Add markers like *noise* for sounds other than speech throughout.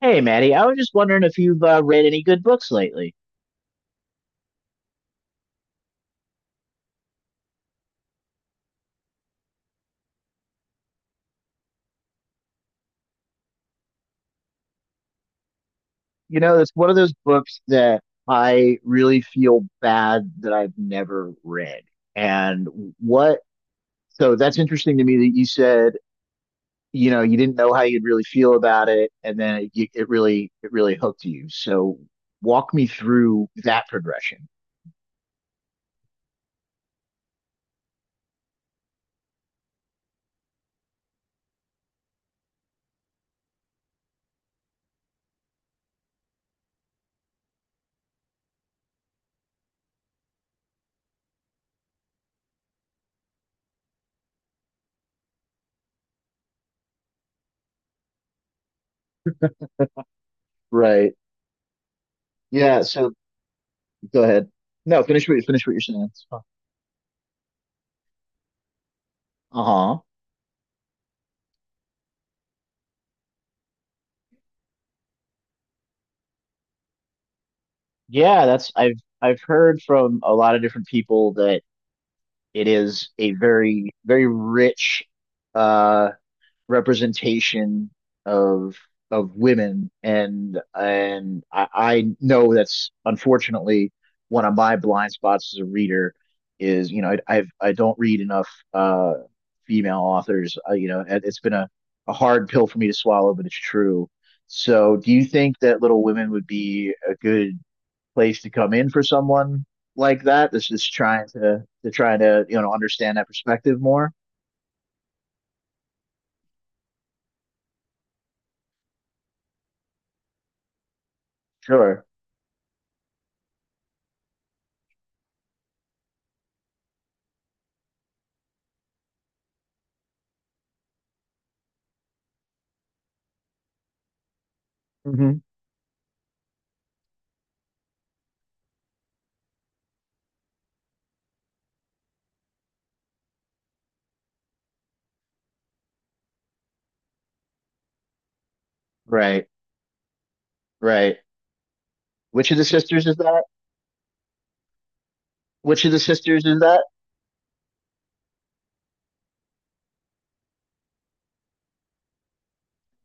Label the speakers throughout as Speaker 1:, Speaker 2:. Speaker 1: Hey, Maddie, I was just wondering if you've read any good books lately. You know, it's one of those books that I really feel bad that I've never read. And what, so that's interesting to me that you said, you know, you didn't know how you'd really feel about it, and then it really hooked you. So walk me through that progression. Right. Yeah. So go ahead. No, finish what you're saying. It's fine. Uh-huh. Yeah, that's I've heard from a lot of different people that it is a very, very rich uh, representation of of women, and and I know that's unfortunately one of my blind spots as a reader is you know I don't read enough uh, female authors. You know, it's been a hard pill for me to swallow, but it's true. So, do you think that Little Women would be a good place to come in for someone like that that's just trying to try to you know understand that perspective more. Sure. Hmm. Right. Right. Which of the sisters is that? Which of the sisters is that?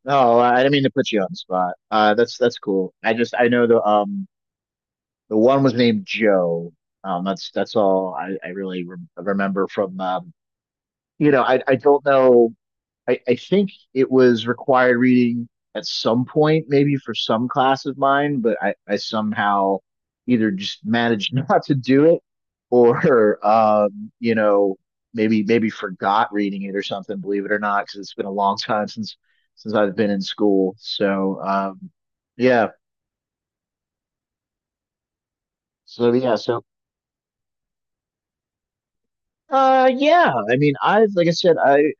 Speaker 1: Oh, I didn't mean to put you on the spot. That's cool. I just I know the one was named Joe. That's all I really re remember from you know I don't know I think it was required reading at some point, maybe for some class of mine, but I somehow either just managed *laughs* not to do it or, you know, maybe forgot reading it or something, believe it or not, because it's been a long *laughs* time since I've been in school. So, yeah. So yeah, so yeah, I mean, I've like I said, I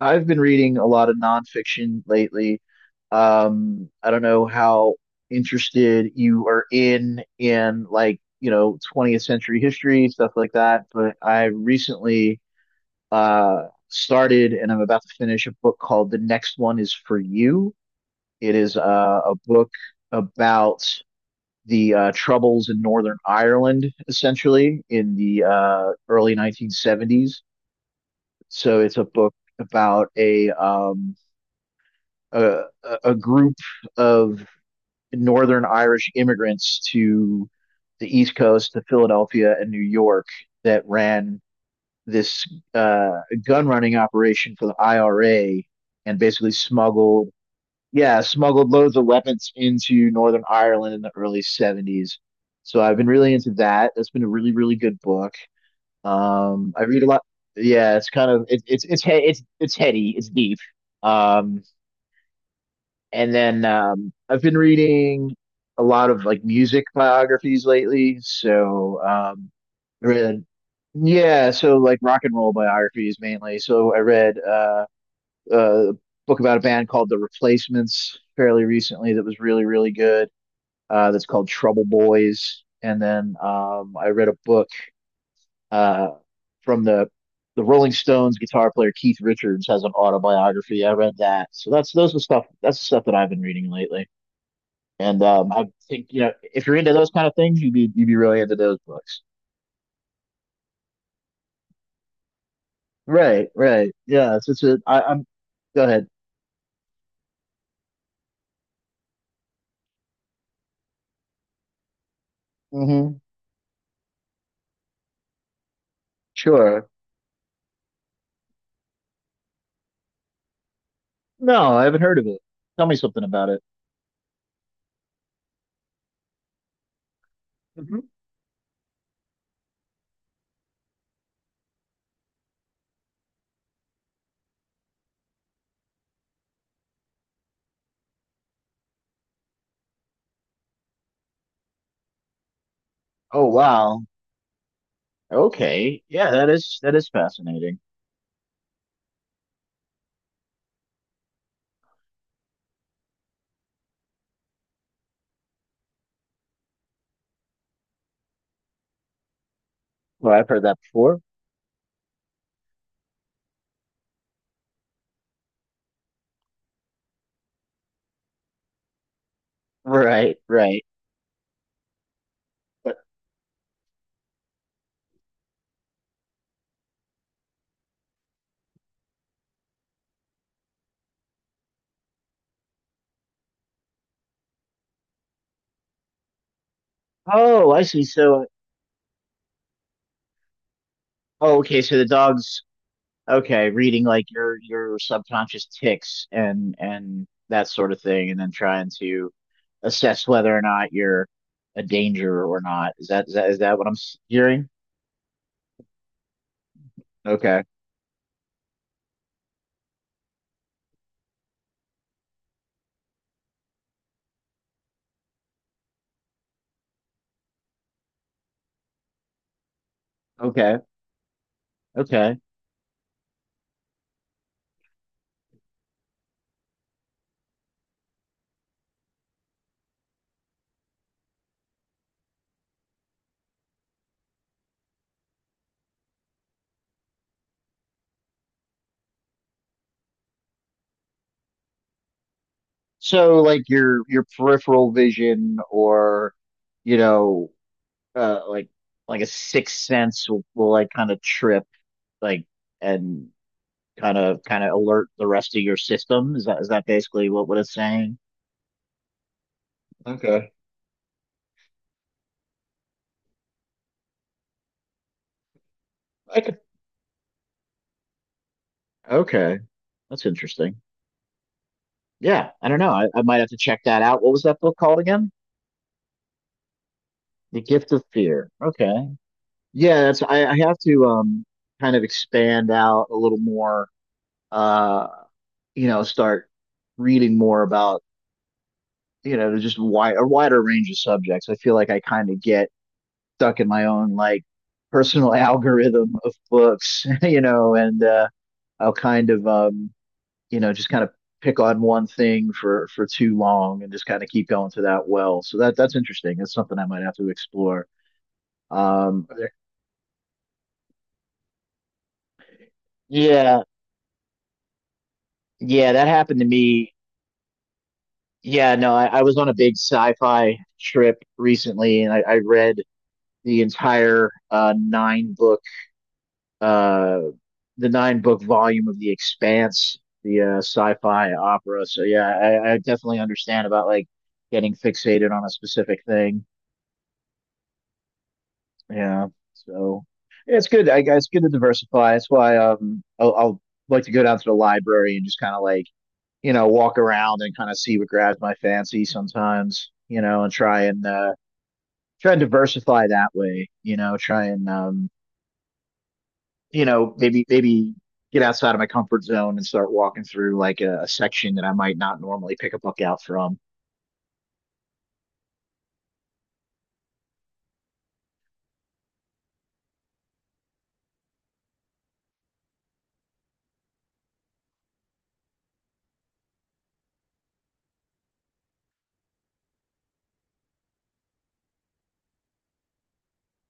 Speaker 1: I've been reading a lot of nonfiction lately. I don't know how interested you are in like, you know, 20th century history, stuff like that, but I recently started and I'm about to finish a book called The Next One Is For You. It is a book about the troubles in Northern Ireland, essentially, in the early 1970s. So it's a book about a a, a group of Northern Irish immigrants to the East Coast, to Philadelphia and New York, that ran this uh, gun running operation for the IRA and basically yeah, smuggled loads of weapons into Northern Ireland in the early 70s. So I've been really into that. That's been a really, really good book. I read a lot. Yeah, it's it's heady, it's deep. Um, and then I've been reading a lot of like music biographies lately. So I yeah, so like rock and roll biographies mainly. So I read a book about a band called The Replacements fairly recently that was really, really good. That's called Trouble Boys. And then I read a book uh, from the Rolling Stones guitar player Keith Richards has an autobiography. I read that. So that's those are stuff that's the stuff that I've been reading lately. And I think you know if you're into those kind of things, you'd be really into those books. Right, right. Yeah, I'm go ahead. Hmm. Sure. No, I haven't heard of it. Tell me something about it. Hmm. Oh wow. Okay. Yeah, that is fascinating. Well, I've heard that before. Right, right. But oh, I see. So, oh, okay. So the dogs okay, reading like your subconscious tics and that sort of thing, and then trying to assess whether or not you're a danger or not. Is that what I'm hearing? Okay, okay, okay. So like your peripheral vision or you know uh, like like a sixth sense will like kind of trip like and kind of alert the rest of your system. Is that basically what it's saying? Okay. Okay. That's interesting. Yeah, I don't know. I might have to check that out. What was that book called again? The Gift of Fear. Okay. Yeah, I have to kind of expand out a little more, uh, you know, start reading more about, you know, just wider range of subjects. I feel like I kind of get stuck in my own like personal *laughs* algorithm of books, *laughs* you know, and I'll kind of you know, just kind of pick on one thing for too long and just kind of keep going to that well. So that's interesting. That's something I might have to explore. Are there- yeah, yeah, that happened to me. Yeah, no, I was on a big sci-fi trip recently, and I read the entire nine book uh, the nine book volume of The Expanse, the sci-fi opera. So yeah, I definitely understand about like getting fixated on a specific thing. Yeah. So yeah, it's good. I guess it's good to diversify. That's why I'll like to go down to the library and just kind of like you know walk around and kind of see what grabs my fancy sometimes. You know, and try and try and diversify that way. You know, try and you know maybe get outside of my comfort zone and start walking through like a section that I might not normally pick a book out from.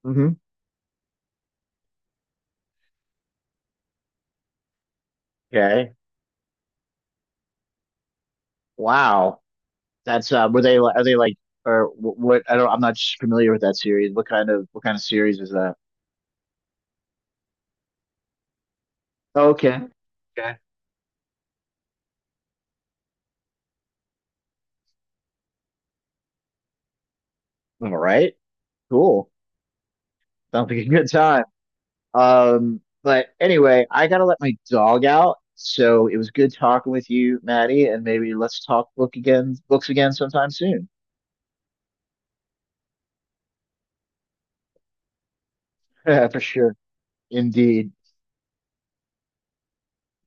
Speaker 1: Hmm. Okay. Wow. That's were they are they like or what? I don't. I'm not familiar with that series. What kind of series is that? Oh, okay. Okay. All right. Cool. Sounds like a good time. But anyway, I gotta let my dog out. So it was good talking with you, Maddie, and maybe let's books again sometime soon. *laughs* For sure. Indeed.